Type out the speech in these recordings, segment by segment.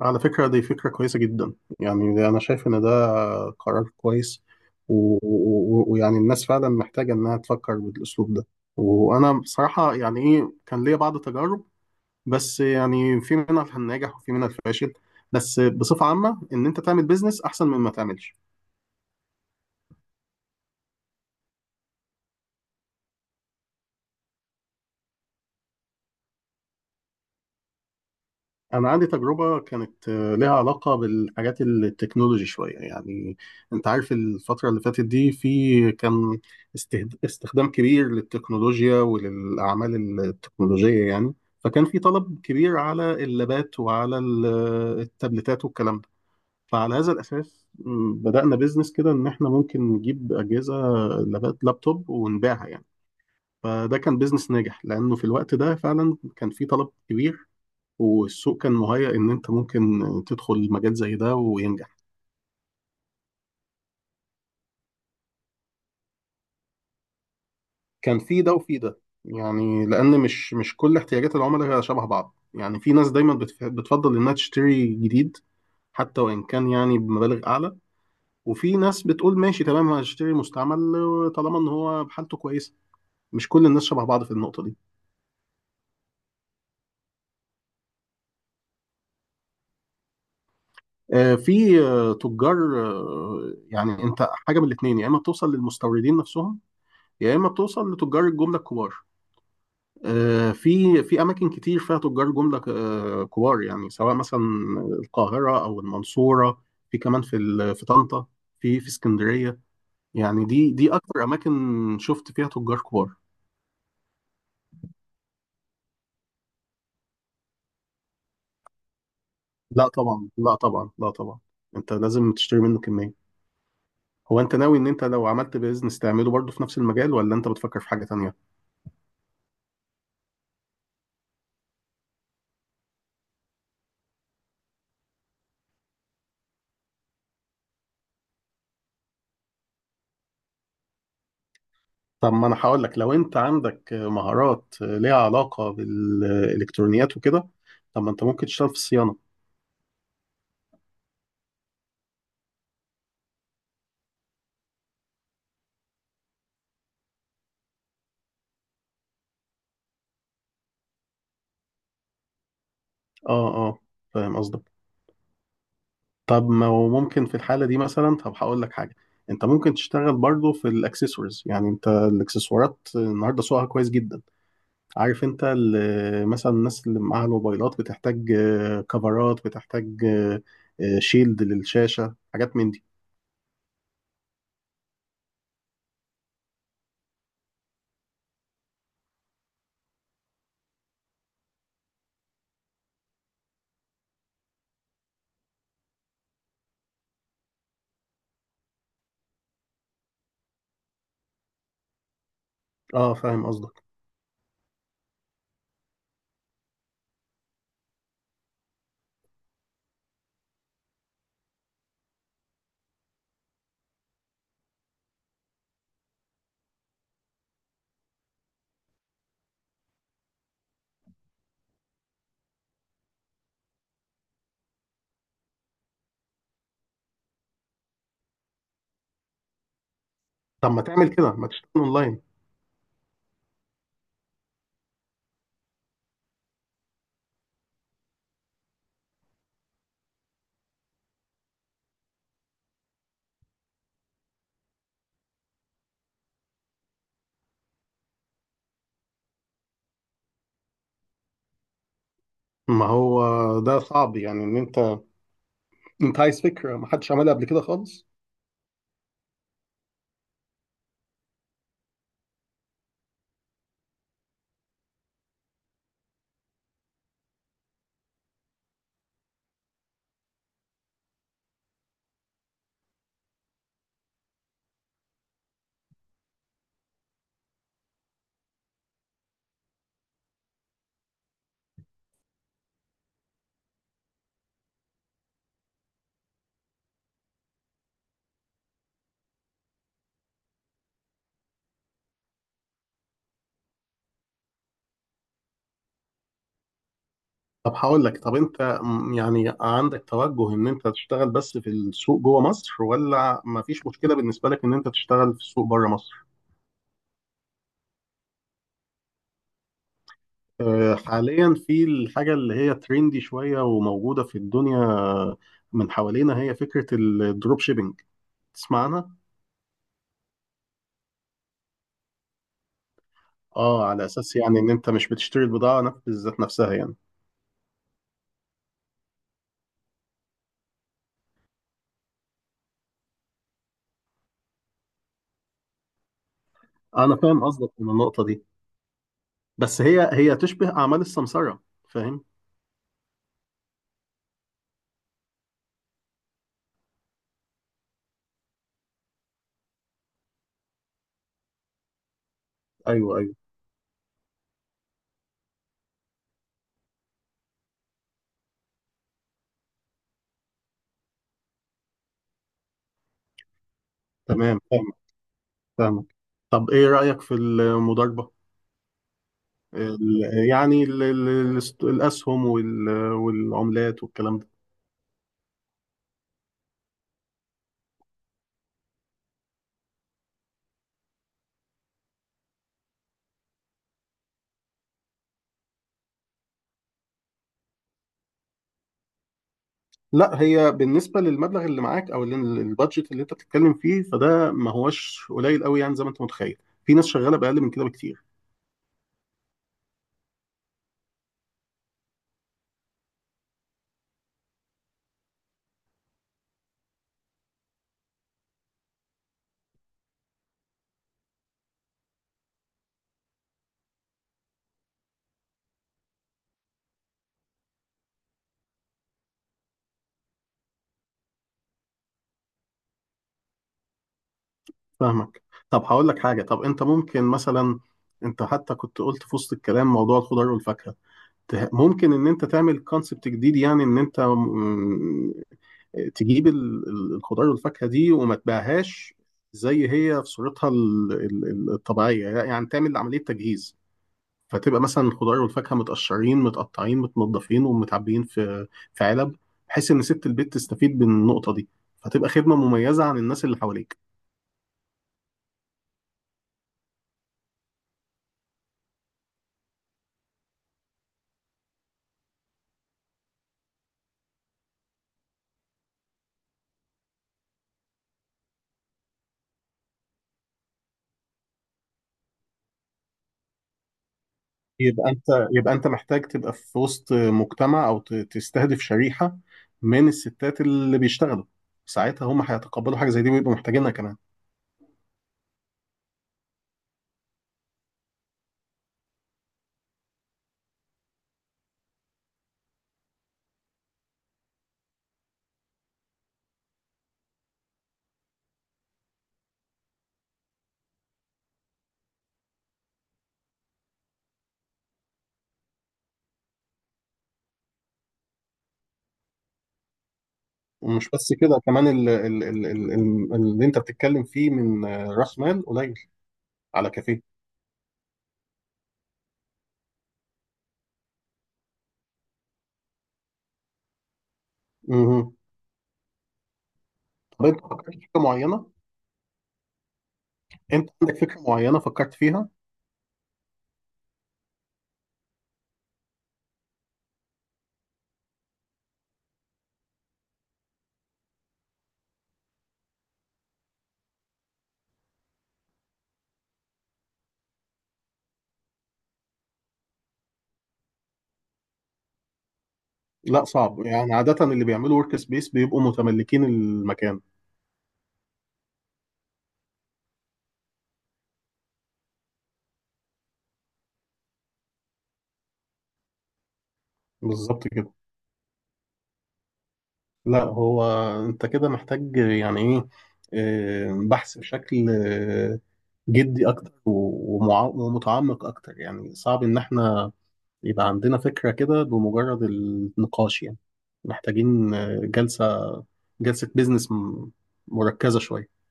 على فكرة دي فكرة كويسة جدا. يعني ده أنا شايف إن ده قرار كويس. و- و- و- ويعني الناس فعلا محتاجة إنها تفكر بالأسلوب ده. وأنا بصراحة يعني إيه، كان ليا بعض تجارب، بس يعني في منها الناجح وفي منها الفاشل، بس بصفة عامة إن أنت تعمل بيزنس أحسن من ما تعملش. أنا عندي تجربة كانت لها علاقة بالحاجات التكنولوجي شوية يعني. أنت عارف الفترة اللي فاتت دي في كان استخدام كبير للتكنولوجيا وللأعمال التكنولوجية يعني. فكان في طلب كبير على اللابات وعلى التابلتات والكلام ده. فعلى هذا الأساس بدأنا بيزنس كده إن إحنا ممكن نجيب أجهزة لابات لابتوب ونبيعها يعني. فده كان بيزنس ناجح لأنه في الوقت ده فعلا كان في طلب كبير، والسوق كان مهيأ إن أنت ممكن تدخل مجال زي ده وينجح. كان في ده وفي ده، يعني لأن مش كل احتياجات العملاء شبه بعض. يعني في ناس دايما بتفضل إنها تشتري جديد، حتى وإن كان يعني بمبالغ أعلى، وفي ناس بتقول ماشي تمام هشتري مستعمل طالما إن هو حالته كويسة. مش كل الناس شبه بعض في النقطة دي. في تجار. يعني أنت حاجة من الاتنين، يا إما بتوصل للمستوردين نفسهم، يا إما بتوصل لتجار الجملة الكبار. في في اماكن كتير فيها تجار جمله كبار، يعني سواء مثلا القاهره او المنصوره، في كمان في طنطا، في اسكندريه. يعني دي اكتر اماكن شفت فيها تجار كبار. لا طبعا، لا طبعا، لا طبعا. انت لازم تشتري منه كميه. هو انت ناوي ان انت لو عملت بيزنس تعمله برضه في نفس المجال، ولا انت بتفكر في حاجه تانية؟ طب ما انا هقول لك، لو انت عندك مهارات ليها علاقه بالالكترونيات وكده، طب ما انت ممكن تشتغل في الصيانه. اه اه، فاهم قصدك. طب ما هو ممكن في الحالة دي مثلا، طب هقول لك حاجة، انت ممكن تشتغل برضو في الاكسسوارز. يعني انت الاكسسوارات النهارده سوقها كويس جدا. عارف انت مثلا الناس اللي معاها الموبايلات بتحتاج كفرات، بتحتاج شيلد للشاشة، حاجات من دي. اه فاهم قصدك. طب ما تعمل كده، ما تشتغل اونلاين. ما هو ده صعب يعني ان انت، انت عايز فكرة ما حدش عملها قبل كده خالص. طب هقول لك، طب انت يعني عندك توجه ان انت تشتغل بس في السوق جوه مصر، ولا ما فيش مشكله بالنسبه لك ان انت تشتغل في السوق بره مصر؟ حاليا في الحاجه اللي هي تريندي شويه وموجوده في الدنيا من حوالينا، هي فكره الدروب شيبينج. تسمع عنها؟ اه، على اساس يعني ان انت مش بتشتري البضاعه بالذات نفسها يعني. انا فاهم قصدك من النقطه دي، بس هي هي تشبه اعمال السمسره. فاهم؟ ايوه ايوه، تمام فاهم، فاهمك. طب ايه رايك في المضاربه؟ الأسهم والعملات والكلام ده. لا، هي بالنسبة للمبلغ اللي معاك أو اللي، البادجت اللي أنت بتتكلم فيه، فده ما هوش قليل قوي يعني زي ما أنت متخيل. في ناس شغالة بأقل من كده بكتير. فاهمك. طب هقول لك حاجة، طب أنت ممكن مثلا، أنت حتى كنت قلت في وسط الكلام موضوع الخضار والفاكهة، ممكن إن أنت تعمل كونسبت جديد. يعني إن أنت تجيب الخضار والفاكهة دي وما تبيعهاش زي هي في صورتها الطبيعية. يعني تعمل عملية تجهيز، فتبقى مثلا الخضار والفاكهة متقشرين متقطعين متنضفين ومتعبيين في في علب، بحيث إن ست البيت تستفيد من النقطة دي، فتبقى خدمة مميزة عن الناس اللي حواليك. يبقى أنت، يبقى أنت محتاج تبقى في وسط مجتمع، أو تستهدف شريحة من الستات اللي بيشتغلوا. ساعتها هم هيتقبلوا حاجة زي دي ويبقوا محتاجينها كمان. ومش بس كده، كمان اللي انت بتتكلم فيه من راس مال قليل على كافيه. مهم. طب انت فكرت في فكره معينه؟ انت عندك فكره معينه فكرت فيها؟ لا، صعب، يعني عاده اللي بيعملوا ورك سبيس بيبقوا متملكين المكان. بالظبط كده. لا هو، انت كده محتاج يعني ايه، بحث بشكل جدي اكتر ومتعمق اكتر. يعني صعب ان احنا يبقى عندنا فكرة كده بمجرد النقاش يعني. محتاجين جلسة، جلسة بيزنس مركزة شوية.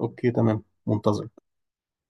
اوكي تمام، منتظر.